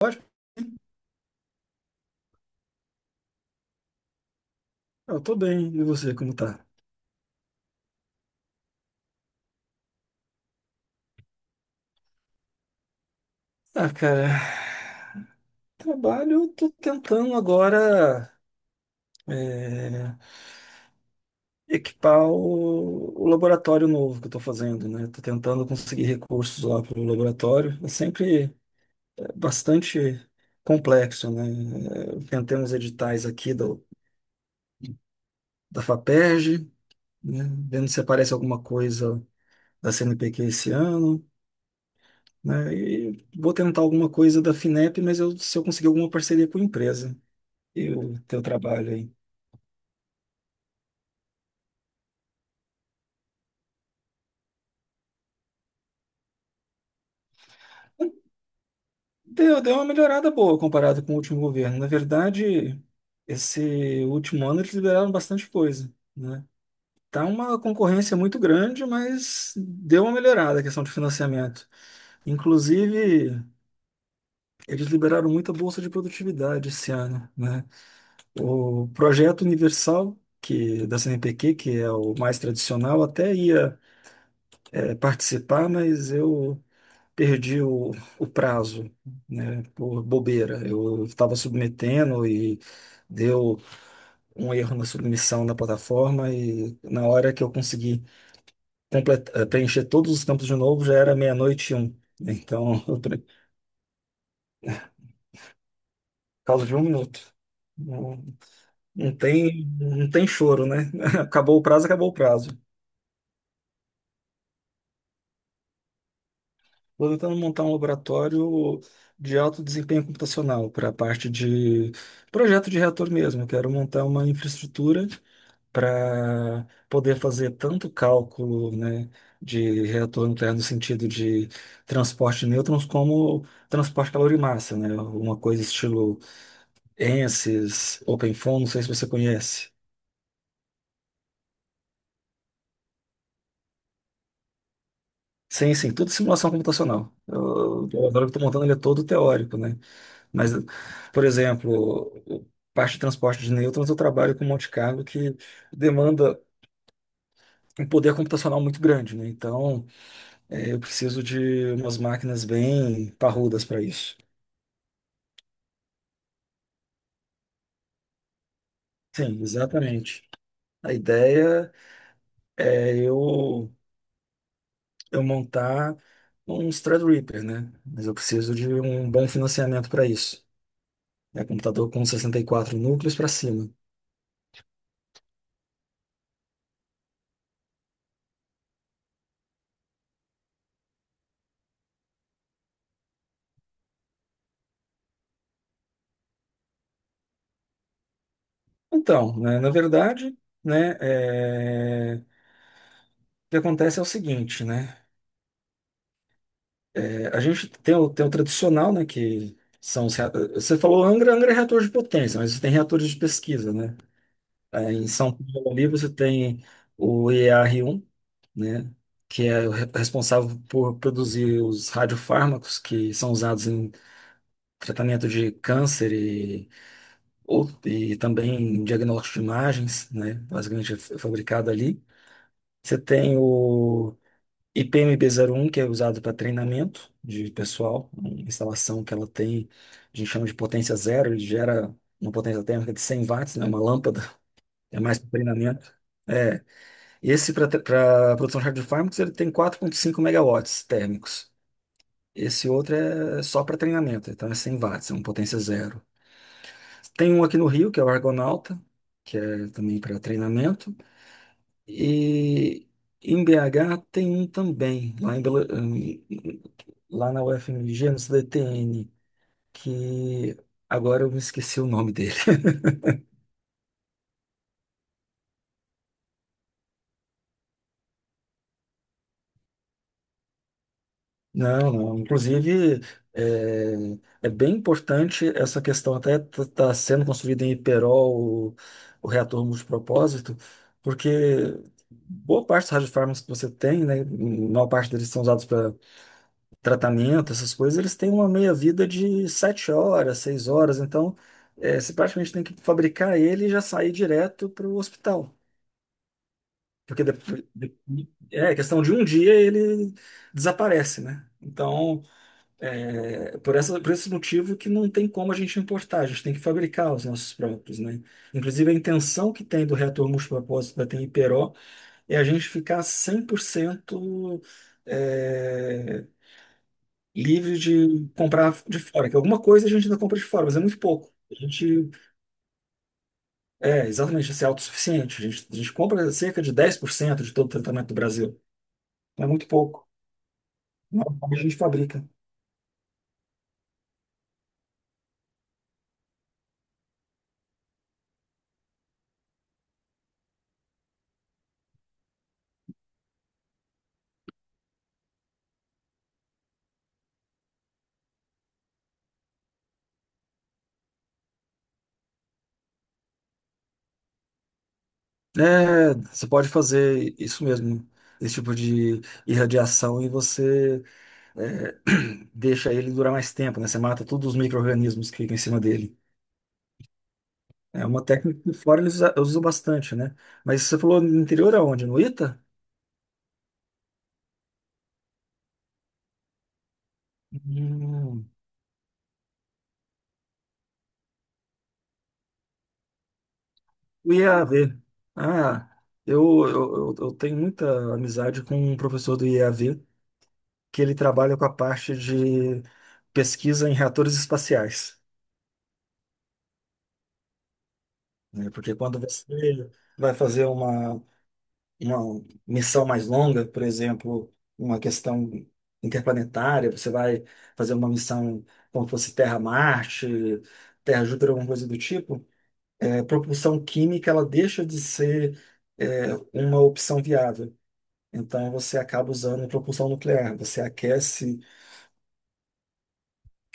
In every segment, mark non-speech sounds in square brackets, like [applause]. Ótimo, eu tô bem. E você, como tá? Ah, cara, trabalho, eu tô tentando agora é, equipar o laboratório novo que eu tô fazendo, né? Tô tentando conseguir recursos lá pro laboratório. É sempre bastante complexo, né? Eu tentei uns editais aqui da FAPERJ, né? Vendo se aparece alguma coisa da CNPq esse ano, né? E vou tentar alguma coisa da FINEP, mas se eu conseguir alguma parceria com a empresa. E o teu trabalho aí? Deu, deu uma melhorada boa comparado com o último governo. Na verdade, esse último ano eles liberaram bastante coisa, né? Tá uma concorrência muito grande, mas deu uma melhorada a questão de financiamento. Inclusive, eles liberaram muita bolsa de produtividade esse ano, né? O projeto universal que da CNPq, que é o mais tradicional, até ia participar, mas eu perdi o prazo, né, por bobeira. Eu estava submetendo e deu um erro na submissão da plataforma e na hora que eu consegui preencher todos os campos de novo já era meia-noite e um. Né. Então, [laughs] por causa de um minuto. Não, não tem choro, né? [laughs] Acabou o prazo, acabou o prazo. Estou tentando montar um laboratório de alto desempenho computacional para a parte de projeto de reator mesmo. Eu quero montar uma infraestrutura para poder fazer tanto cálculo, né, de reator nuclear no sentido de transporte de nêutrons como transporte calor-massa, né, uma coisa estilo ANSYS, OpenFOAM, não sei se você conhece. Sim, sim, tudo simulação computacional. Eu agora estou montando, ele é todo teórico, né? Mas, por exemplo, parte de transporte de nêutrons eu trabalho com um Monte Carlo que demanda um poder computacional muito grande, né? Então, eu preciso de umas máquinas bem parrudas para isso. Sim, exatamente. A ideia é eu montar um Threadripper, né? Mas eu preciso de um bom financiamento para isso. É computador com 64 núcleos para cima. Então, né, na verdade, né, o que acontece é o seguinte, né? É, a gente tem o tradicional, né, que você falou Angra. Angra é reator de potência, mas tem reatores de pesquisa, né? Em São Paulo ali você tem o EAR1, né, que é o responsável por produzir os radiofármacos que são usados em tratamento de câncer e também em diagnóstico de imagens, né, basicamente é fabricado ali. Você tem o IPMB01, que é usado para treinamento de pessoal, uma instalação que ela tem, a gente chama de potência zero, ele gera uma potência térmica de 100 watts, né, uma lâmpada, é mais para treinamento. É, Esse para produção de hardfármacos ele tem 4,5 megawatts térmicos. Esse outro é só para treinamento, então é 100 watts, é uma potência zero. Tem um aqui no Rio, que é o Argonauta, que é também para treinamento. E em BH tem um também, lá, lá na UFMG, no CDTN, que agora eu me esqueci o nome. Não, não. Inclusive, é, é bem importante essa questão, até está sendo construído em Iperol o reator multipropósito, porque boa parte dos radiofármacos que você tem, né, maior parte deles são usados para tratamento, essas coisas, eles têm uma meia-vida de 7 horas, 6 horas, então você praticamente tem que fabricar ele e já sair direto para o hospital. Porque depois, é questão de um dia ele desaparece, né? Então, é, por essa, por esse motivo que não tem como a gente importar, a gente tem que fabricar os nossos próprios, né? Inclusive, a intenção que tem do reator multipropósito da TMPRO é a gente ficar 100% é, livre de comprar de fora, que alguma coisa a gente ainda compra de fora, mas é muito pouco. A gente é exatamente assim, é autossuficiente. A gente compra cerca de 10% de todo o tratamento do Brasil. É muito pouco. Normalmente a gente fabrica. É, você pode fazer isso mesmo, esse tipo de irradiação, e você é, [clears throat] deixa ele durar mais tempo, né? Você mata todos os micro-organismos que ficam em cima dele. É uma técnica que fora eles usam bastante, né? Mas você falou no interior aonde? No Ita? Hum, o IAV. Ah, eu, eu tenho muita amizade com um professor do IAV que ele trabalha com a parte de pesquisa em reatores espaciais, né? Porque quando você vai fazer uma missão mais longa, por exemplo, uma questão interplanetária, você vai fazer uma missão como fosse Terra-Marte, Terra-Júpiter, alguma coisa do tipo, a propulsão química ela deixa de ser uma opção viável. Então você acaba usando propulsão nuclear. Você aquece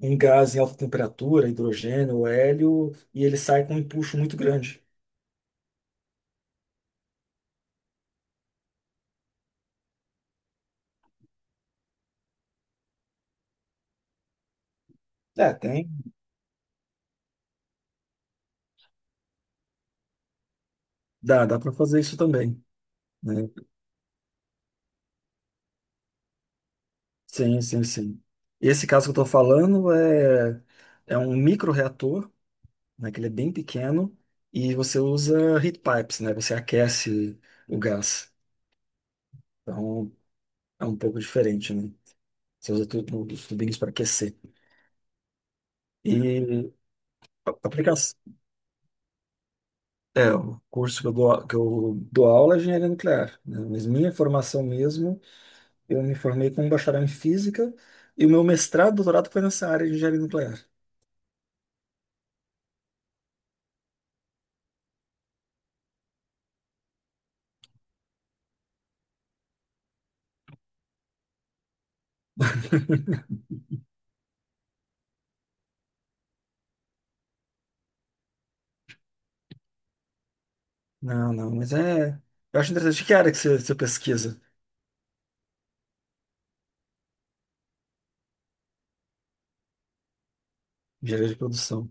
um gás em alta temperatura, hidrogênio, hélio, e ele sai com um empuxo muito grande. É, tem. Dá para fazer isso também. Né? Sim, sim, sim. Esse caso que eu estou falando é um microreator, né, que ele é bem pequeno, e você usa heat pipes, né? Você aquece o gás. Então, é um pouco diferente, né? Você usa os tubinhos para aquecer. E a aplicação... É, o curso que eu dou, aula é engenharia nuclear, né? Mas minha formação mesmo, eu me formei com um bacharel em física, e o meu mestrado, doutorado foi nessa área de engenharia nuclear. Não, não, mas é. Eu acho interessante que área que você pesquisa, engenharia de produção.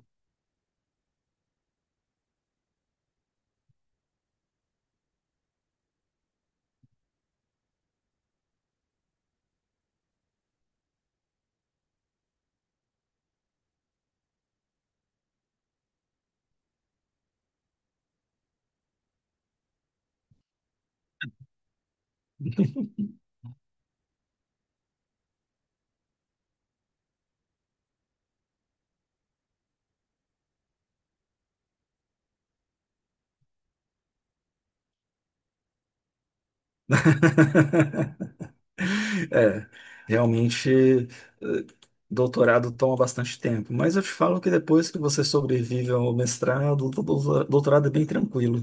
[laughs] É, realmente, doutorado toma bastante tempo, mas eu te falo que depois que você sobrevive ao mestrado, o doutorado é bem tranquilo.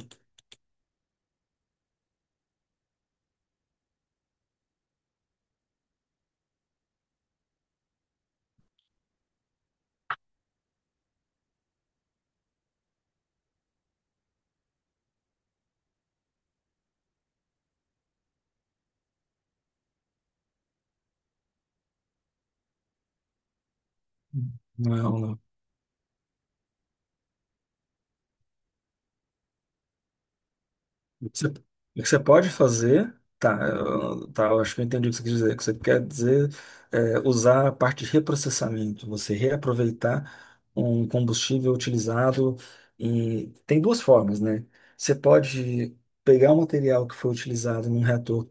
Não, é um, não. O que você pode fazer, tá, eu acho que eu entendi o que você quer dizer. O que você quer dizer é usar a parte de reprocessamento, você reaproveitar um combustível utilizado, e tem duas formas, né? Você pode pegar o material que foi utilizado num reator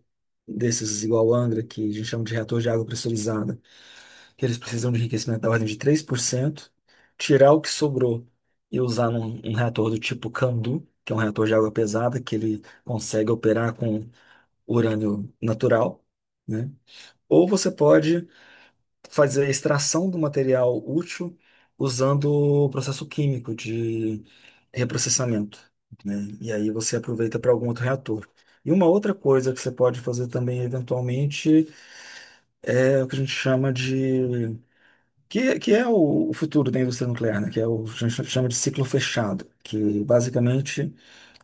desses igual Angra, que a gente chama de reator de água pressurizada, que eles precisam de enriquecimento da ordem de 3%, tirar o que sobrou e usar um reator do tipo Candu, que é um reator de água pesada, que ele consegue operar com urânio natural, né? Ou você pode fazer a extração do material útil usando o processo químico de reprocessamento, né? E aí você aproveita para algum outro reator. E uma outra coisa que você pode fazer também, eventualmente, é o que a gente chama de que é o futuro da indústria nuclear, né? Que é o que a gente chama de ciclo fechado, que basicamente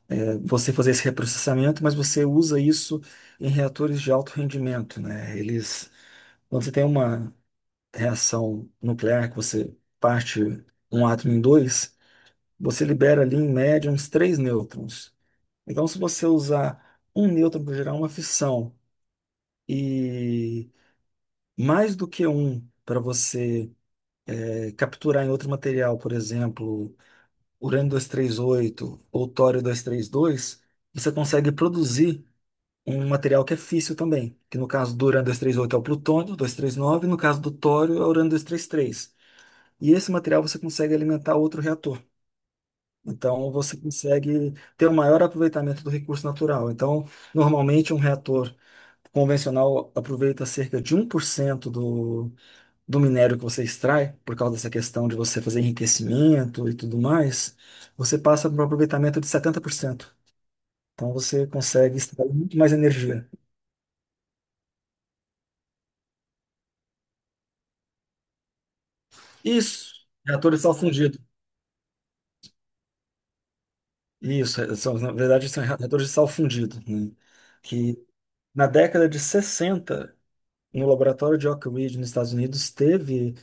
é você fazer esse reprocessamento, mas você usa isso em reatores de alto rendimento, né? Eles, quando você tem uma reação nuclear que você parte um átomo em dois, você libera ali em média uns três nêutrons. Então, se você usar um nêutron para gerar uma fissão e mais do que um para você capturar em outro material, por exemplo urânio 238 ou tório 232, você consegue produzir um material que é físsil também, que no caso do urânio 238 é o plutônio 239, no caso do tório é o urânio 233. E trinta e três. E esse material você consegue alimentar outro reator. Então você consegue ter o maior aproveitamento do recurso natural. Então, normalmente um reator convencional aproveita cerca de um por cento do minério que você extrai, por causa dessa questão de você fazer enriquecimento e tudo mais, você passa para um aproveitamento de 70%. Então você consegue extrair muito mais energia. Isso, reator de sal fundido. Isso, são, na verdade são reatores de sal fundido, né? Que na década de 60, no laboratório de Oak Ridge, nos Estados Unidos, teve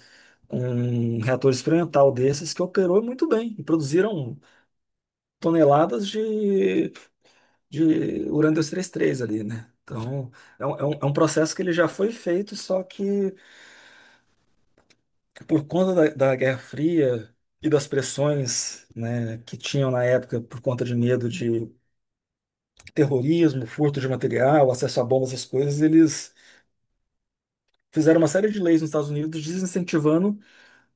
um reator experimental desses que operou muito bem e produziram toneladas de Urano 233 ali, né? Então, é um processo que ele já foi feito, só que por conta da Guerra Fria e das pressões, né, que tinham na época por conta de medo de terrorismo, furto de material, acesso a bombas, essas coisas, eles fizeram uma série de leis nos Estados Unidos desincentivando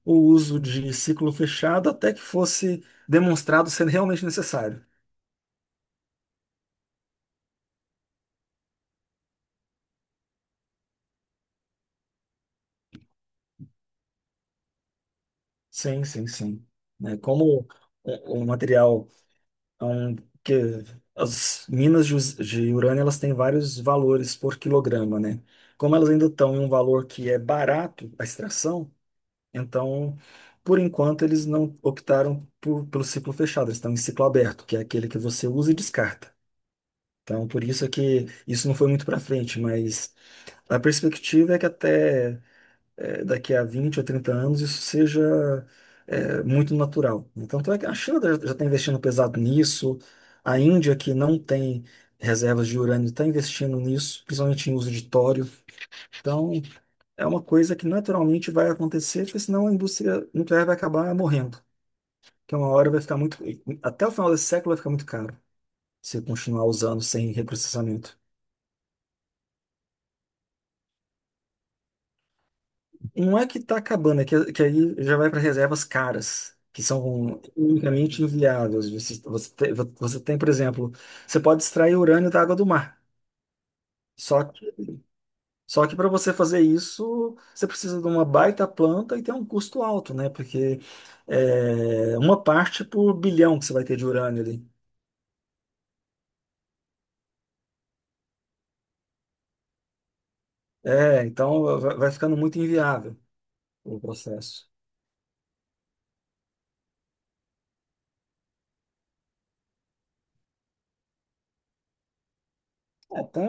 o uso de ciclo fechado até que fosse demonstrado ser realmente necessário. Sim, sim, sim. Né? Como o material... Então, que as minas de urânio, elas têm vários valores por quilograma, né? Como elas ainda estão em um valor que é barato a extração, então, por enquanto, eles não optaram pelo ciclo fechado, eles estão em ciclo aberto, que é aquele que você usa e descarta. Então, por isso é que isso não foi muito para frente, mas a perspectiva é que até daqui a 20 ou 30 anos isso seja muito natural. Então, tanto é que a China já está investindo pesado nisso, a Índia, que não tem reservas de urânio, está investindo nisso, principalmente em uso de tório. Então, é uma coisa que naturalmente vai acontecer, porque senão a indústria nuclear vai acabar morrendo. Que uma hora vai ficar muito. Até o final desse século vai ficar muito caro se continuar usando sem reprocessamento. Não é que está acabando, é que aí já vai para reservas caras, que são unicamente inviáveis. Você tem, por exemplo, você pode extrair urânio da água do mar. Só que, só que para você fazer isso, você precisa de uma baita planta e tem um custo alto, né? Porque é uma parte por bilhão que você vai ter de urânio ali. É, então vai ficando muito inviável o processo. É, tá,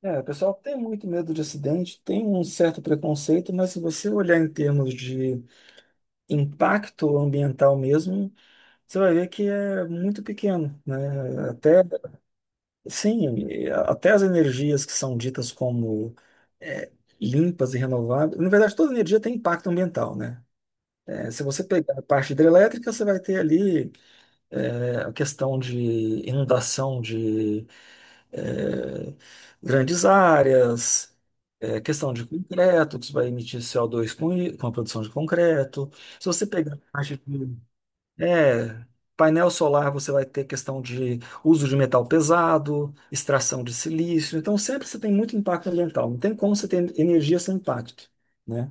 o pessoal tem muito medo de acidente, tem um certo preconceito, mas se você olhar em termos de impacto ambiental mesmo, você vai ver que é muito pequeno, né? Até, sim, até as energias que são ditas como é, limpas e renováveis, na verdade, toda energia tem impacto ambiental, né? Se você pegar a parte hidrelétrica, você vai ter ali a questão de inundação de é, grandes áreas, questão de concreto, que você vai emitir co dois com a produção de concreto. Se você pegar a parte de é, painel solar, você vai ter questão de uso de metal pesado, extração de silício. Então, sempre você tem muito impacto ambiental. Não tem como você ter energia sem impacto. Né?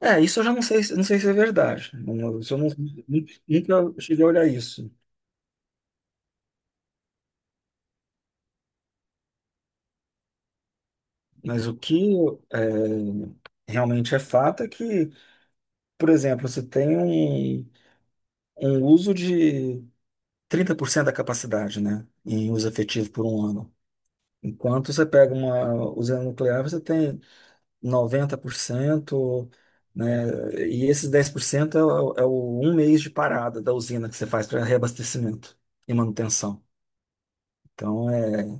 É, isso eu já não sei, não sei se é verdade. Isso eu não, nunca cheguei a olhar isso. Mas o que é, realmente é fato é que, por exemplo, você tem um uso de 30% da capacidade, né, em uso efetivo por um ano. Enquanto você pega uma usina nuclear, você tem 90%, né, e esses 10% é o um mês de parada da usina que você faz para reabastecimento e manutenção. Então, é.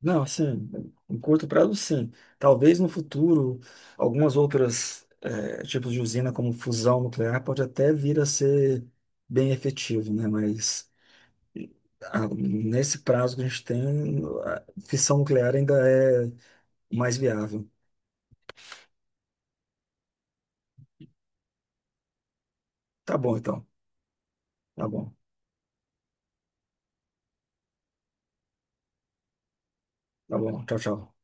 Não, assim, em curto prazo, sim. Talvez no futuro, algumas outras tipos de usina, como fusão nuclear, pode até vir a ser bem efetivo, né? Mas nesse prazo que a gente tem, a fissão nuclear ainda é mais viável. Tá bom, então. Tá bom. Tá bom. Tchau, tchau.